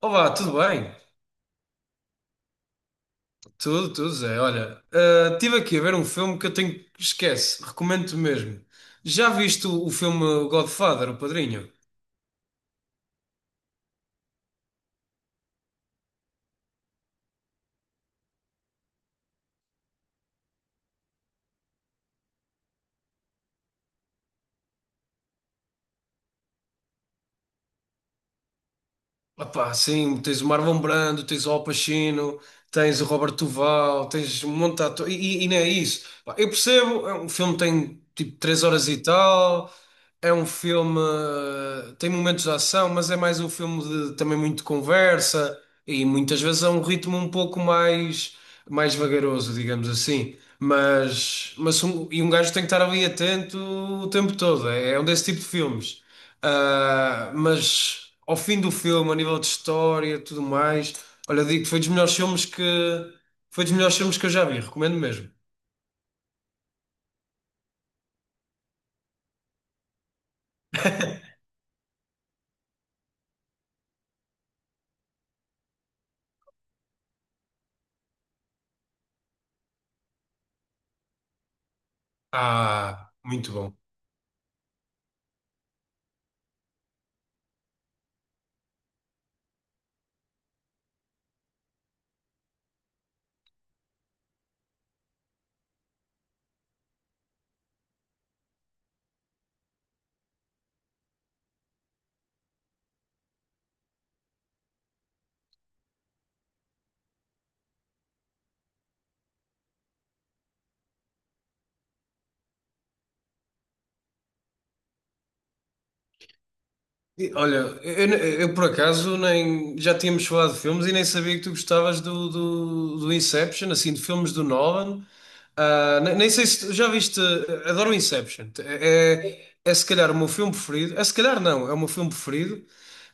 Olá, tudo bem? Tudo, tudo, Zé. Olha, estive aqui a ver um filme que eu tenho. Esquece, recomendo-te mesmo. Já viste o filme Godfather, O Padrinho? Epá, sim, tens o Marlon Brando, tens o Al Pacino, tens o Robert Duval, tens um monte de atores, e não é isso. Pá, eu percebo, é um filme que tem tipo 3 horas e tal, é um filme, tem momentos de ação, mas é mais um filme de também muito conversa e muitas vezes é um ritmo um pouco mais vagaroso, digamos assim. Mas um gajo tem que estar ali atento o tempo todo, é um desse tipo de filmes. Ah, mas ao fim do filme, a nível de história e tudo mais, olha, eu digo que foi dos melhores filmes que eu já vi, recomendo mesmo. Ah, muito bom. E, olha, eu, por acaso nem já tínhamos falado de filmes e nem sabia que tu gostavas do Inception, assim, de filmes do Nolan. Ah, nem sei se tu já viste. Adoro o Inception. É se calhar o meu filme preferido. É se calhar não, é o meu filme preferido.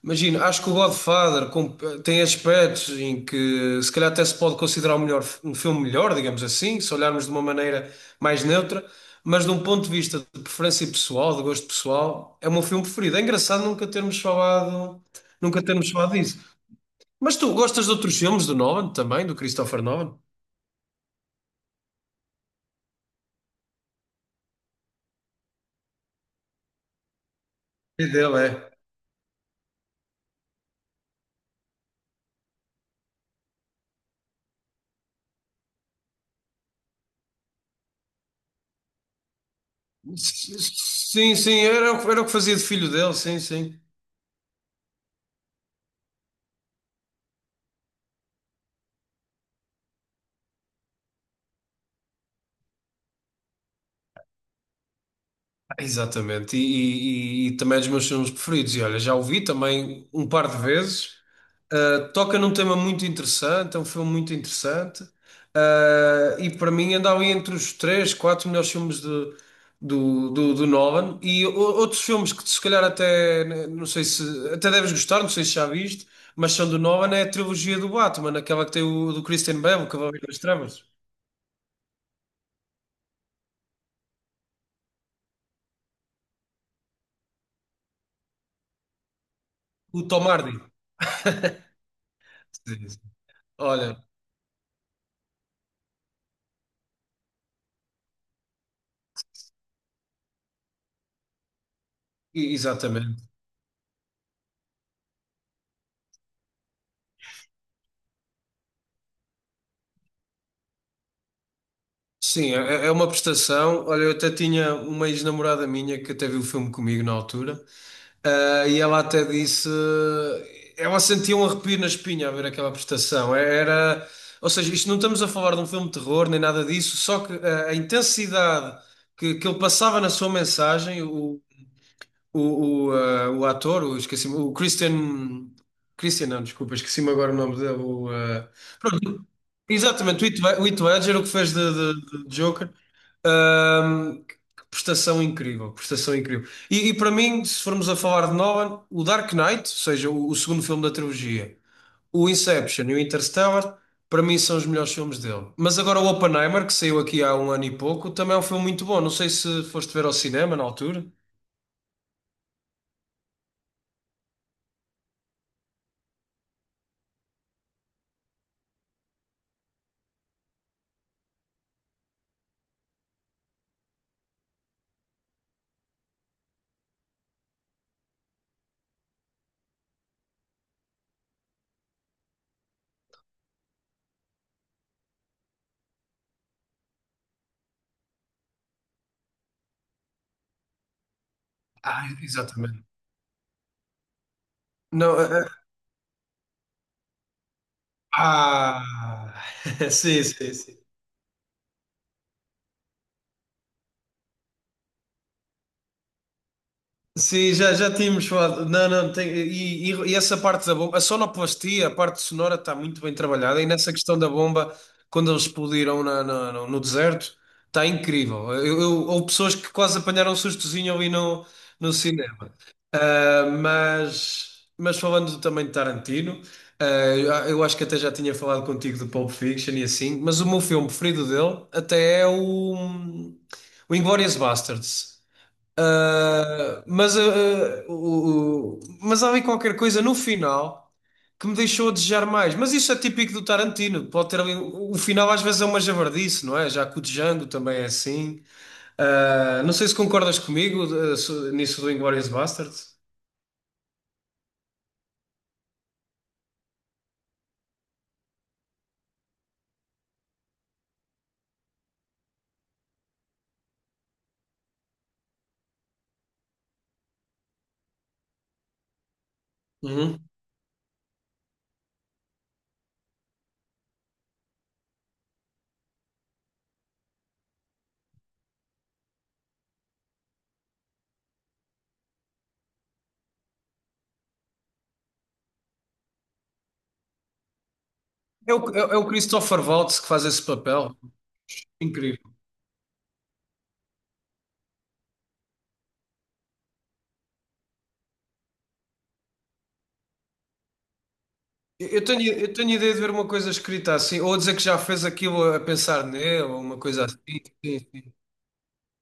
Imagina, acho que o Godfather tem aspectos em que se calhar até se pode considerar o melhor, um filme melhor, digamos assim, se olharmos de uma maneira mais neutra. Mas de um ponto de vista de preferência pessoal, de gosto pessoal, é o meu filme preferido. É engraçado nunca termos falado disso. Mas tu gostas de outros filmes do Nolan também, do Christopher Nolan? É dele, é. S- Sim, sim, era era o que fazia de filho dele, sim, sim. Exatamente, e também é dos meus filmes preferidos. E olha, já o vi também um par de vezes. Toca num tema muito interessante, é um filme muito interessante. E para mim anda ali entre os três, quatro melhores filmes do Nolan. E outros filmes que se calhar até, né, não sei se, até deves gostar, não sei se já viste, mas são do Nolan, é a trilogia do Batman, aquela que tem o do Christian Bale, o Cavaleiro das Trevas, o Tom Hardy. Olha, exatamente. Sim, é é uma prestação. Olha, eu até tinha uma ex-namorada minha que até viu o filme comigo na altura, e ela até disse. Ela sentia um arrepio na espinha a ver aquela prestação. É, era. Ou seja, isto não estamos a falar de um filme de terror nem nada disso, só que a intensidade que ele passava na sua mensagem, o ator, o, esqueci-me, o Christian. Christian, não, desculpa, esqueci-me agora o nome dele. Exatamente, o o Heath Ledger, o que fez de Joker, que prestação incrível, prestação incrível. E para mim, se formos a falar de Nolan, o Dark Knight, ou seja, o segundo filme da trilogia, o Inception e o Interstellar, para mim são os melhores filmes dele. Mas agora o Oppenheimer, que saiu aqui há um ano e pouco, também é um filme muito bom. Não sei se foste ver ao cinema na altura. Ah, exatamente. Não, ah, sim, sim, sim. Sim, já tínhamos falado. Não, não, essa parte da bomba, a sonoplastia, a parte sonora está muito bem trabalhada. E nessa questão da bomba, quando eles explodiram no deserto, está incrível. Houve pessoas que quase apanharam um sustozinho ali no, no cinema. Ah, mas falando também de Tarantino, eu acho que até já tinha falado contigo do Pulp Fiction e assim, mas o meu filme preferido dele até é o Inglourious Basterds. Mas há ali qualquer coisa no final que me deixou a desejar mais. Mas isso é típico do Tarantino. Pode ter ali, o final às vezes é uma javardice, não é? Já que o Django também é assim. Ah, não sei se concordas comigo, nisso do Inglourious Basterds. Uhum. É o Christopher Waltz que faz esse papel. Incrível. Eu tenho ideia de ver uma coisa escrita assim, ou a dizer que já fez aquilo a pensar nele, ou uma coisa assim. Sim, sim.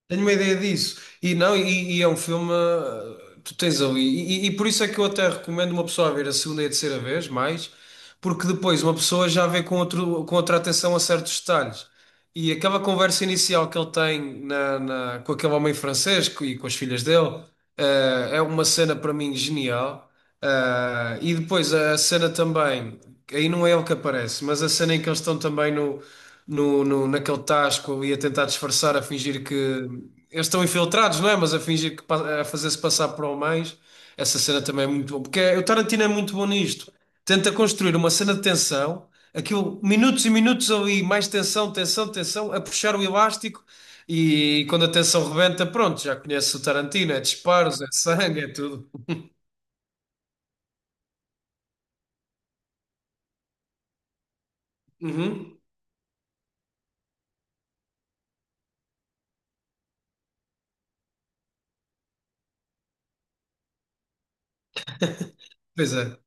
Tenho uma ideia disso. E não, e é um filme. Tu tens ali. E por isso é que eu até recomendo uma pessoa a ver a segunda e a terceira vez, mais, porque depois uma pessoa já vê com outro, com outra atenção a certos detalhes. E aquela conversa inicial que ele tem com aquele homem francês com as filhas dele, é uma cena para mim genial. Ah, e depois a cena também, aí não é ele que aparece, mas a cena em que eles estão também naquele tasco ali a tentar disfarçar, a fingir que eles estão infiltrados, não é? Mas a fingir a fazer-se passar por homens, essa cena também é muito boa, porque o Tarantino é muito bom nisto. Tenta construir uma cena de tensão, aquilo, minutos e minutos ali, mais tensão, tensão, tensão, a puxar o elástico e quando a tensão rebenta, pronto, já conhece o Tarantino, é disparos, é sangue, é tudo. Uhum. Pois é.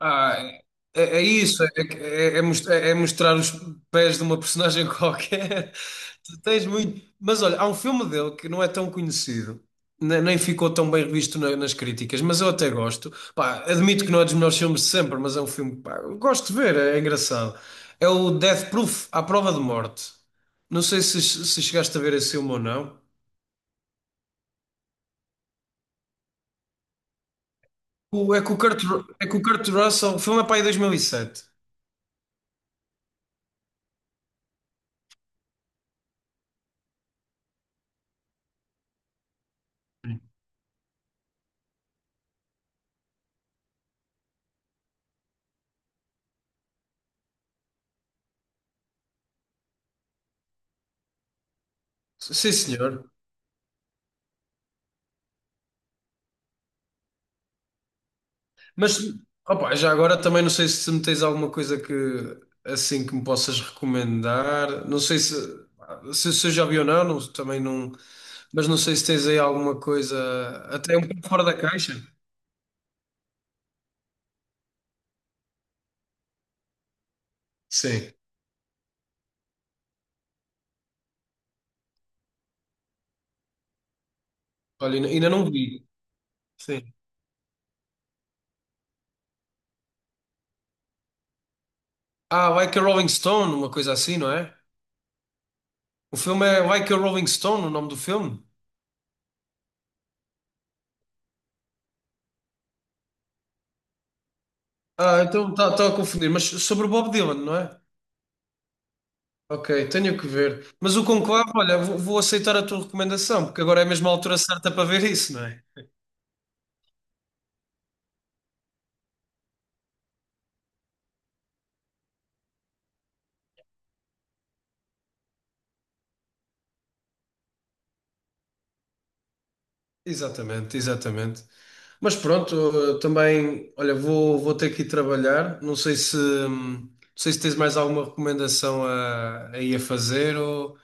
Ah, é, é isso, é, é- é mos- é é mostrar os pés de uma personagem qualquer. Tu tens muito. Mas olha, há um filme dele que não é tão conhecido, nem ficou tão bem visto nas críticas, mas eu até gosto. Pá, admito que não é dos melhores filmes de sempre, mas é um filme que pá, eu gosto de ver, é engraçado. É o Death Proof, à prova de morte. Não sei se, se chegaste a ver esse filme ou não. É com o é com o Kurt Russell, o filme é para aí 2007. Sim, senhor. Mas, opa, já agora também não sei se me tens alguma coisa que assim que me possas recomendar. Não sei se eu já vi ou não, também não. Mas não sei se tens aí alguma coisa até um pouco fora da caixa. Sim. Olha, ainda não vi. Sim. Ah, Like a Rolling Stone, uma coisa assim, não é? O filme é Like a Rolling Stone, o nome do filme? Ah, então está a confundir. Mas sobre o Bob Dylan, não é? Ok, tenho que ver. Mas o conclave, olha, vou aceitar a tua recomendação, porque agora é mesmo a altura certa para ver isso, não é? Exatamente, exatamente. Mas pronto, eu também, olha, vou ter que ir trabalhar. Não sei se, não sei se tens mais alguma recomendação a ir a fazer ou...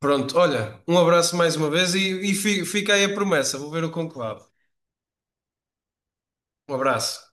Pronto, olha, um abraço mais uma vez e fica aí a promessa. Vou ver o conclave. Um abraço.